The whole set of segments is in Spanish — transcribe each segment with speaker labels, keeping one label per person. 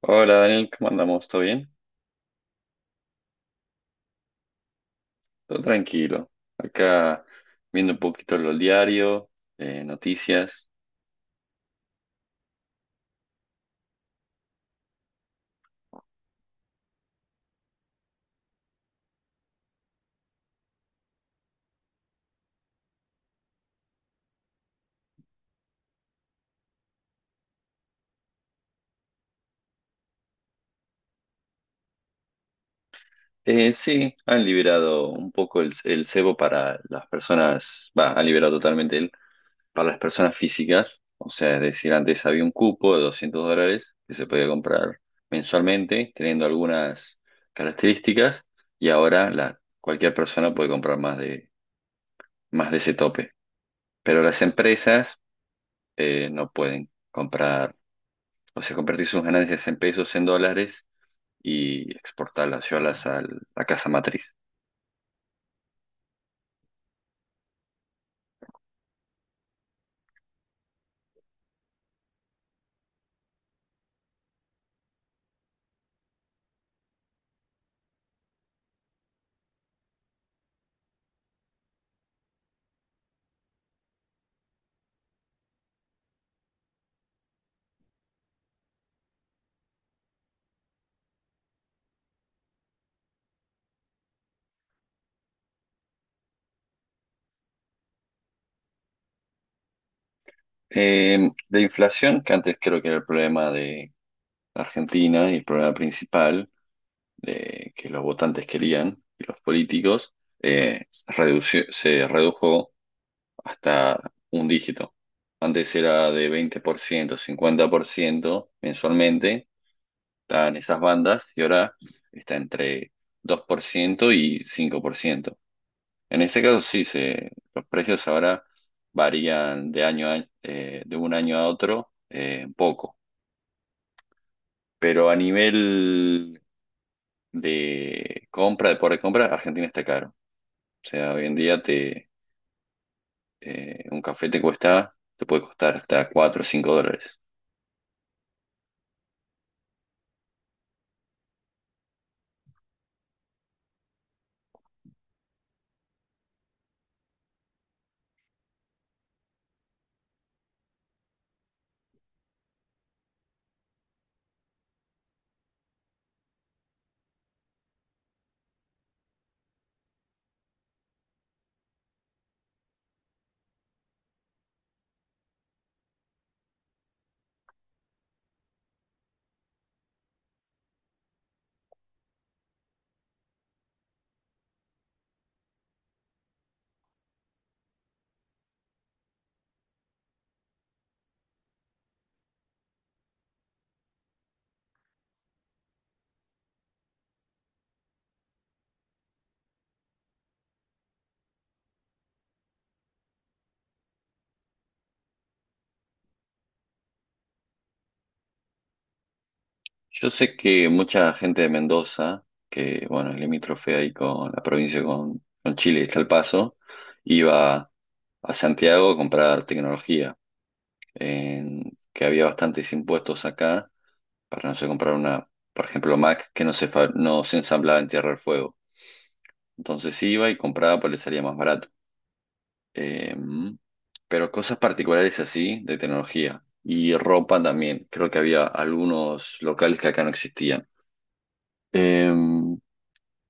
Speaker 1: Hola Daniel, ¿cómo andamos? ¿Todo bien? Todo tranquilo. Acá viendo un poquito los diarios, noticias. Sí, han liberado un poco el cebo para las personas, va, han liberado totalmente el, para las personas físicas. O sea, es decir, antes había un cupo de $200 que se podía comprar mensualmente, teniendo algunas características, y ahora la, cualquier persona puede comprar más de ese tope. Pero las empresas no pueden comprar. O sea, convertir sus ganancias en pesos, en dólares y exportarlas, llevarlas a la casa matriz. De inflación, que antes creo que era el problema de Argentina y el problema principal de que los votantes querían y los políticos, se redujo hasta un dígito. Antes era de 20%, 50% mensualmente, estaban esas bandas y ahora está entre 2% y 5%. En este caso sí, se, los precios ahora varían de año a año, de un año a otro un poco, pero a nivel de compra, de poder de compra, Argentina está caro. O sea, hoy en día te, un café te cuesta, te puede costar hasta 4 o 5 dólares. Yo sé que mucha gente de Mendoza, que bueno, es limítrofe ahí con la provincia, con Chile, está El Paso, iba a Santiago a comprar tecnología que había bastantes impuestos acá para no sé comprar una, por ejemplo, Mac que no se, no se ensamblaba en Tierra del Fuego. Entonces iba y compraba, pues le salía más barato. Eh, pero cosas particulares así de tecnología y ropa también. Creo que había algunos locales que acá no existían. Eh,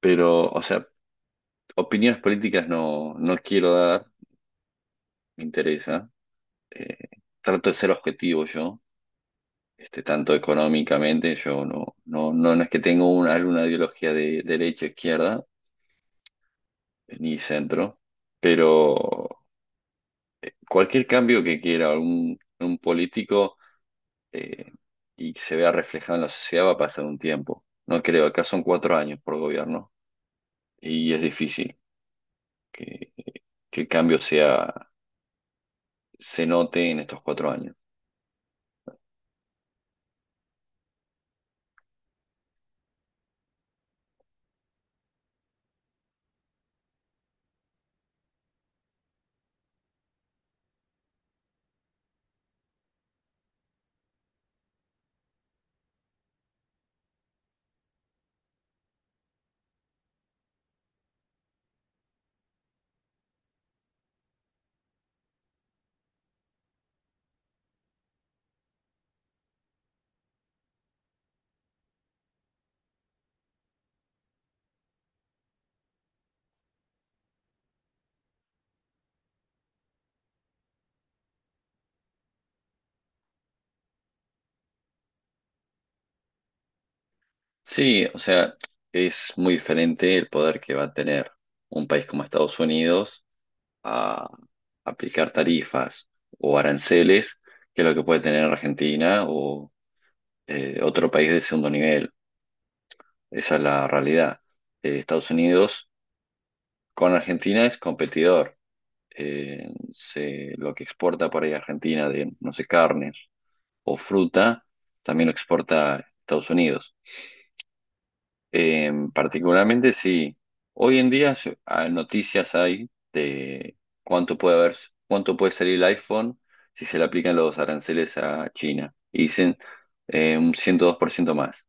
Speaker 1: pero, o sea, opiniones políticas no, no quiero dar, me interesa. Eh, trato de ser objetivo yo, este, tanto económicamente, yo no, no, no, no es que tengo una, alguna ideología de derecha, izquierda, ni centro, pero cualquier cambio que quiera un político eh, y que se vea reflejado en la sociedad va a pasar un tiempo. No creo, acá son 4 años por gobierno y es difícil que, que el cambio sea, se note en estos 4 años. Sí, o sea, es muy diferente el poder que va a tener un país como Estados Unidos a aplicar tarifas o aranceles que lo que puede tener Argentina o otro país de segundo nivel. Esa es la realidad. Estados Unidos con Argentina es competidor. Lo que exporta por ahí Argentina de, no sé, carnes o fruta, también lo exporta Estados Unidos. Particularmente sí. Hoy en día noticias hay de cuánto puede haber, cuánto puede salir el iPhone si se le aplican los aranceles a China. Y dicen un 102% más.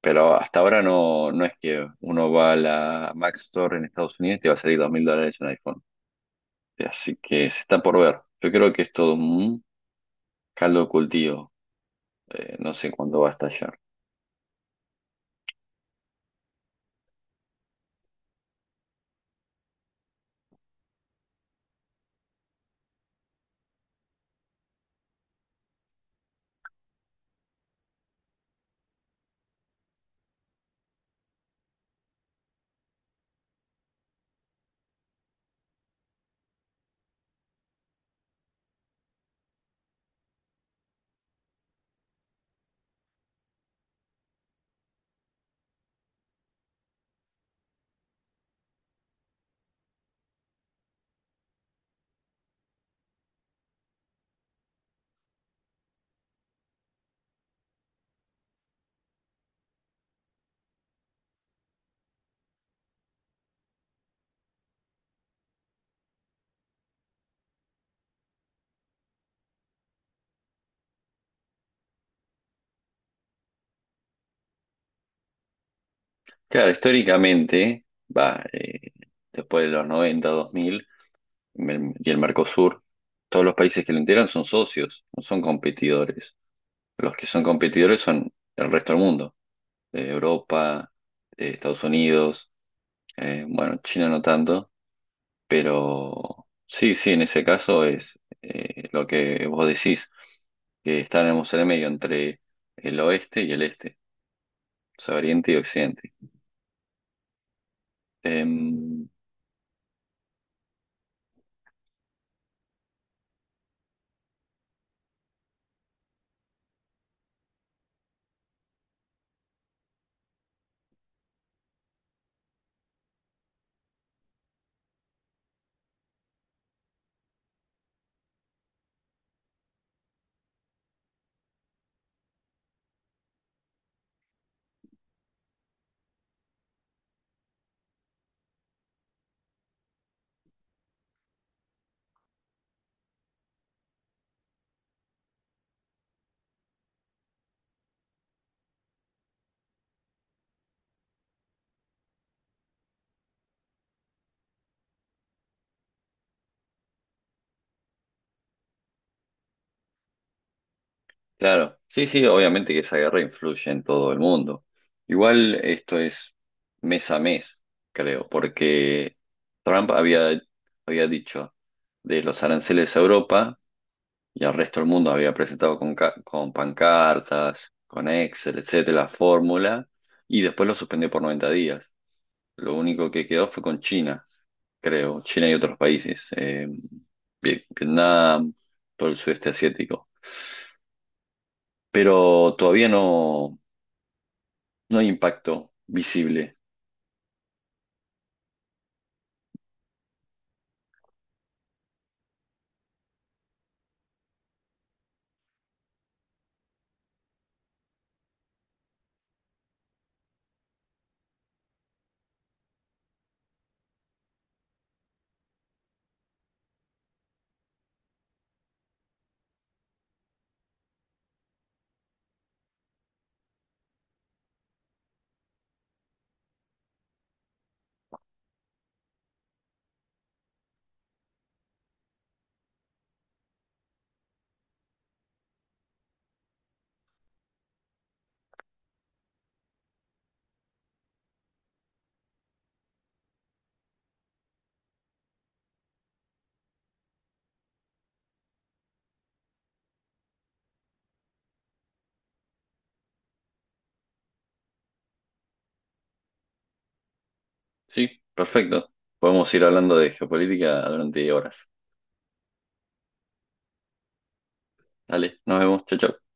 Speaker 1: Pero hasta ahora no, no es que uno va a la Mac Store en Estados Unidos y te va a salir $2000 un iPhone. Así que se está por ver. Yo creo que es todo un caldo de cultivo. No sé cuándo va a estallar. Claro, históricamente, va, después de los 90, 2000. Y el Mercosur, todos los países que lo integran son socios, no son competidores. Los que son competidores son el resto del mundo, Europa, Estados Unidos, bueno, China no tanto, pero sí, sí, en ese caso es lo que vos decís, que estaremos en el medio entre el oeste y el este, o sea, oriente y occidente. Em, Claro, sí, sí, obviamente que esa guerra influye en todo el mundo. Igual esto es mes a mes, creo, porque Trump había dicho de los aranceles a Europa y al resto del mundo, había presentado con, con pancartas, con Excel, etcétera, la fórmula, y después lo suspendió por 90 días. Lo único que quedó fue con China, creo, China y otros países, Vietnam, todo el sudeste asiático. Pero todavía no. No hay impacto visible. Sí, perfecto. Podemos ir hablando de geopolítica durante horas. Dale, nos vemos. Chao, chao.